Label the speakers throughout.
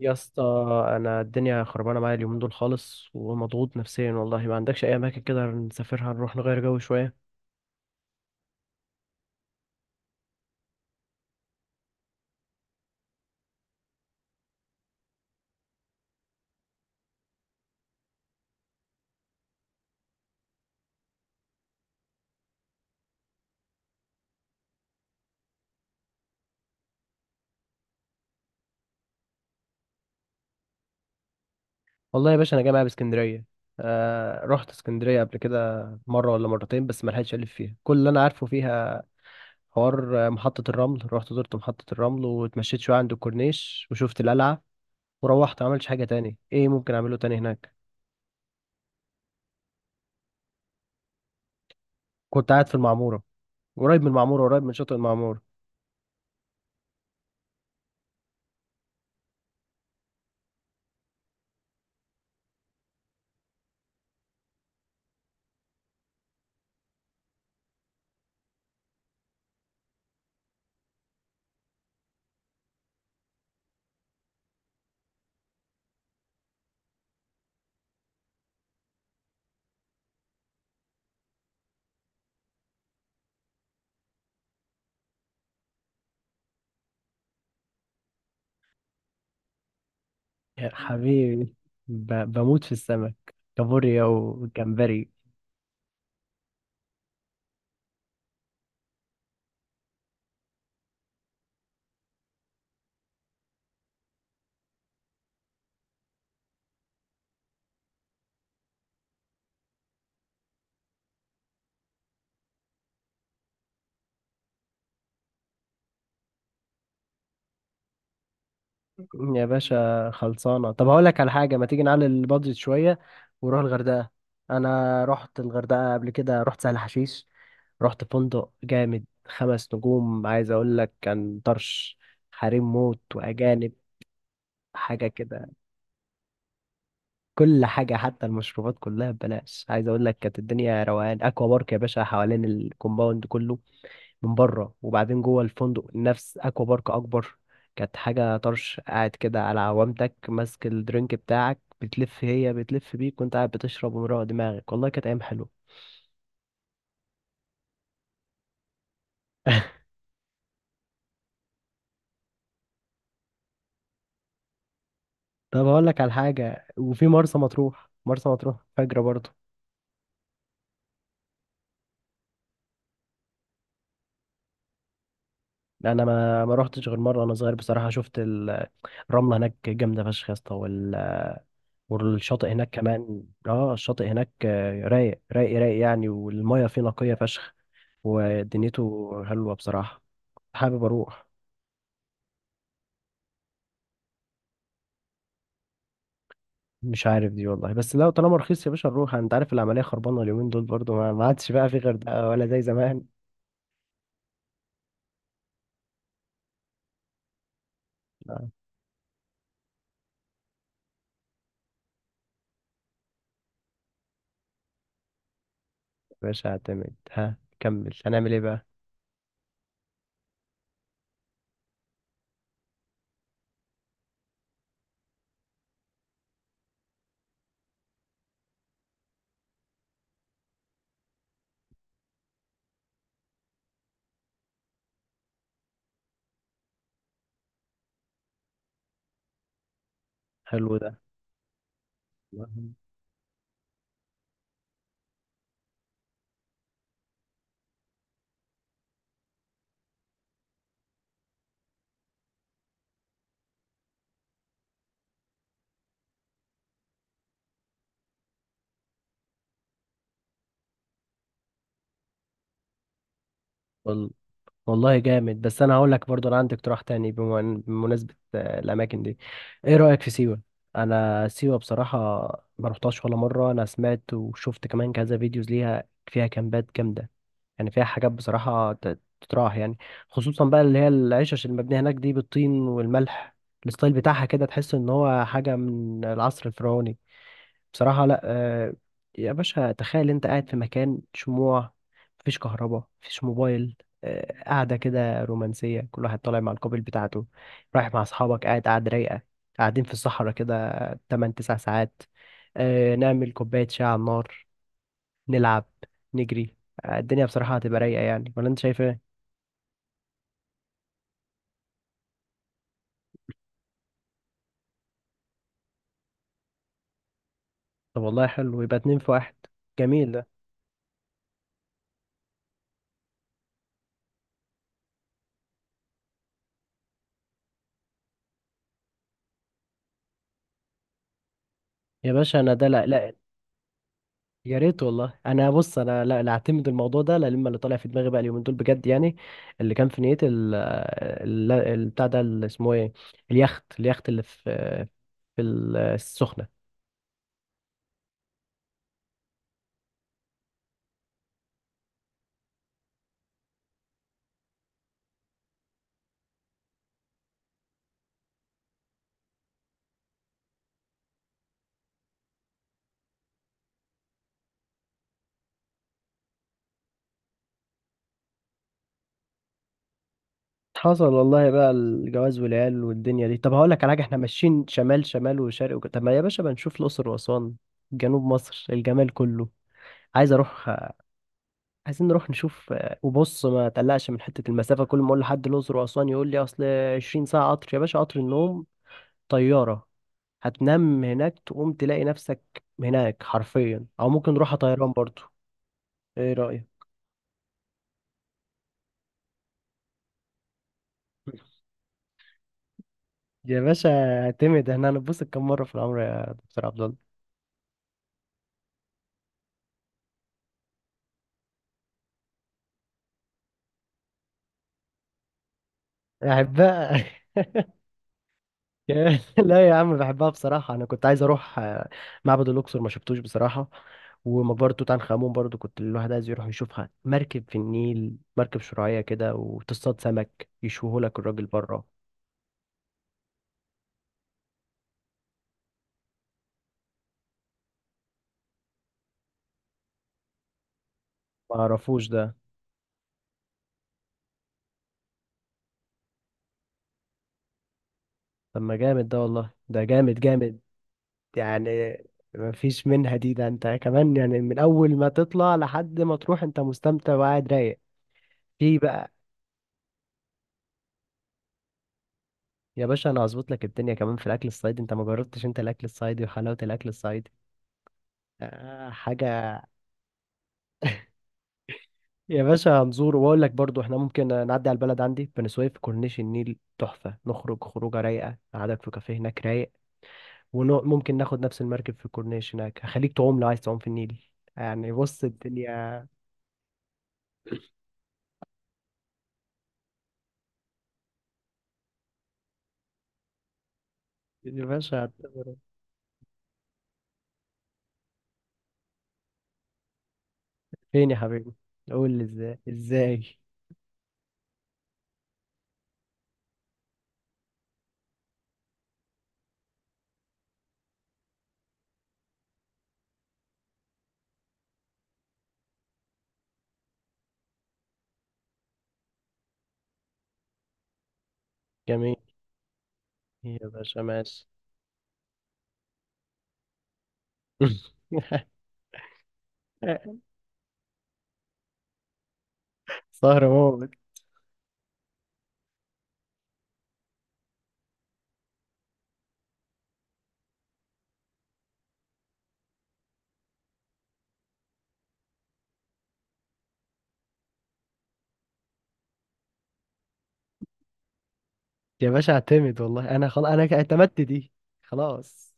Speaker 1: يا اسطى. انا الدنيا خربانه معايا اليومين دول خالص، ومضغوط نفسيا والله. ما عندكش اي اماكن كده نسافرها نروح نغير جو شويه؟ والله يا باشا انا جاي معايا باسكندريه. رحت اسكندريه قبل كده مره ولا مرتين، بس ما لحقتش الف فيها كل اللي انا عارفه فيها. حوار محطه الرمل، رحت زرت محطه الرمل واتمشيت شويه عند الكورنيش وشفت القلعه، وروحت ما عملتش حاجه تاني. ايه ممكن اعمله تاني هناك؟ كنت قاعد في المعموره، قريب من المعموره، قريب من شاطئ المعموره. يا حبيبي، بموت في السمك، كابوريا وجمبري. يا باشا خلصانة. طب هقول لك على حاجة، ما تيجي نعلي البادجت شوية ونروح الغردقة؟ أنا رحت الغردقة قبل كده، رحت سهل حشيش، رحت فندق جامد 5 نجوم، عايز أقول لك كان طرش. حريم موت وأجانب، حاجة كده. كل حاجة حتى المشروبات كلها ببلاش، عايز أقول لك كانت الدنيا روقان. أكوا بارك يا باشا حوالين الكومباوند كله من بره، وبعدين جوه الفندق نفس اكوا بارك اكبر. كانت حاجه طرش، قاعد كده على عوامتك ماسك الدرينك بتاعك، بتلف هي بتلف بيك وانت قاعد بتشرب ومروق دماغك. والله كانت ايام حلوه. طب هقول لك على حاجه. وفي مرسى مطروح، مرسى مطروح فجره برضه. انا ما رحتش غير مره وانا صغير بصراحه. شفت الرمله هناك جامده فشخ يا اسطى، والشاطئ هناك كمان. اه الشاطئ هناك رايق رايق رايق يعني، والميه فيه نقيه فشخ، ودنيته حلوة بصراحة. حابب أروح. مش عارف دي والله، بس لو طالما رخيص يا باشا نروح. أنت عارف العملية خربانة اليومين دول برضو، ما عادش بقى في غردقة ولا زي زمان. لا. يا باشا اعتمد. ها كمل، هنعمل إيه بقى؟ حلو ده. وال- والله جامد. بس أنا هقول لك برضو، أنا عندي اقتراح تاني بمناسبة الأماكن دي. إيه رأيك في سيوة؟ أنا سيوة بصراحة ما رحتهاش ولا مرة. أنا سمعت وشفت كمان كذا فيديوز ليها، فيها كامبات جامدة، يعني فيها حاجات بصراحة تتراح يعني. خصوصا بقى اللي هي العشش المبنية هناك دي بالطين والملح، الستايل بتاعها كده تحس ان هو حاجة من العصر الفرعوني بصراحة. لا. يا باشا تخيل انت قاعد في مكان شموع، مفيش كهرباء مفيش موبايل، قاعدة كده رومانسية، كل واحد طالع مع الكوبل بتاعته، رايح مع أصحابك، قاعد قاعد رايقة، قاعدين في الصحراء كده 8 9 ساعات، نعمل كوباية شاي على النار، نلعب، نجري. الدنيا بصراحة هتبقى رايقة يعني، ولا انت شايف ايه؟ طب والله حلو، يبقى اتنين في واحد. جميل ده. يا باشا انا ده، لا لا. يا ريت والله. انا بص انا، لا لا اعتمد الموضوع ده، لا لما اللي طالع في دماغي بقى اليومين دول بجد يعني. اللي كان في نيتي بتاع ده اللي اسمه ايه، اليخت اللي في السخنة. حصل والله، بقى الجواز والعيال والدنيا دي. طب هقول لك على حاجه، احنا ماشيين شمال شمال وشرق طب ما يا باشا بنشوف الاقصر واسوان، جنوب مصر الجمال كله. عايز اروح، عايزين نروح نشوف. وبص ما تقلقش من حتة المسافة. كل ما أقول لحد الأقصر وأسوان يقول لي أصل 20 ساعة قطر. يا باشا قطر النوم، طيارة، هتنام هناك تقوم تلاقي نفسك هناك حرفيا. أو ممكن نروح طيران برضو. إيه رأيك؟ يا باشا اعتمد، احنا هنتبسط كم مرة في العمر يا دكتور عبد الله؟ أحبها. يا- لا يا عم بحبها بصراحة. أنا كنت عايز أروح معبد الأقصر، ما شفتوش بصراحة. ومقبرة توت عنخ آمون برضو كنت الواحد عايز يروح يشوفها. مركب في النيل، مركب شراعية كده، وتصطاد سمك، يشوهولك الراجل بره. ما أعرفوش ده. طب ما جامد ده، والله ده جامد جامد. يعني ما فيش منها دي، ده أنت كمان يعني من أول ما تطلع لحد ما تروح أنت مستمتع وقاعد رايق. في بقى يا باشا، أنا هظبط لك الدنيا كمان في الأكل الصعيدي. أنت ما جربتش أنت الأكل الصعيدي وحلاوة الأكل الصعيدي. حاجة. يا باشا هنزور، وأقول لك برضو إحنا ممكن نعدي على البلد عندي بني سويف. كورنيش النيل تحفة، نخرج خروجة رايقة، قعدك في كافيه هناك رايق. وممكن ناخد نفس المركب في الكورنيش هناك، هخليك تعوم لو عايز تعوم في النيل. يعني بص الدنيا. يا باشا هتبقى- فين يا حبيبي؟ قول لي إزاي إزاي؟ جميل. يا باشا ماشي. سهرة موت. يا باشا اعتمد، والله أنا خلاص أنا اعتمدت دي. خلاص.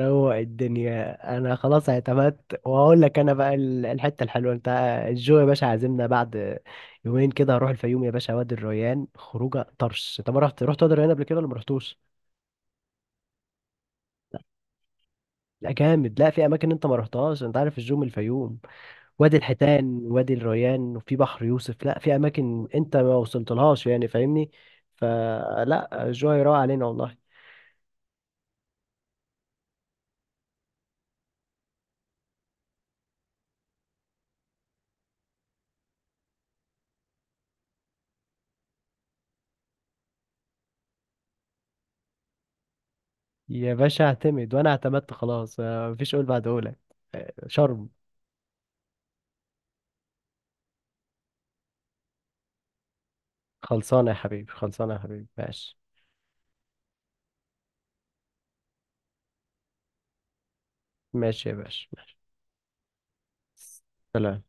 Speaker 1: روق الدنيا. انا خلاص اعتمدت، وهقول لك انا بقى الحته الحلوه انت. الجو يا باشا عازمنا بعد 2 يوم كده. هروح الفيوم يا باشا، وادي الريان، خروجه طرش. انت ما رحت، رحت وادي الريان قبل كده ولا ما رحتوش؟ لا جامد. لا، في اماكن انت ما رحتهاش. انت عارف الجو من الفيوم، وادي الحيتان، وادي الريان، وفي بحر يوسف. لا، في اماكن انت ما وصلتلهاش يعني، فاهمني؟ فلا الجو هيروق علينا والله. يا باشا اعتمد، وانا اعتمدت خلاص. مفيش قول بعد قولك. شرم. خلصانة يا حبيبي، خلصانة يا حبيبي. ماشي. ماشي يا باشا. سلام.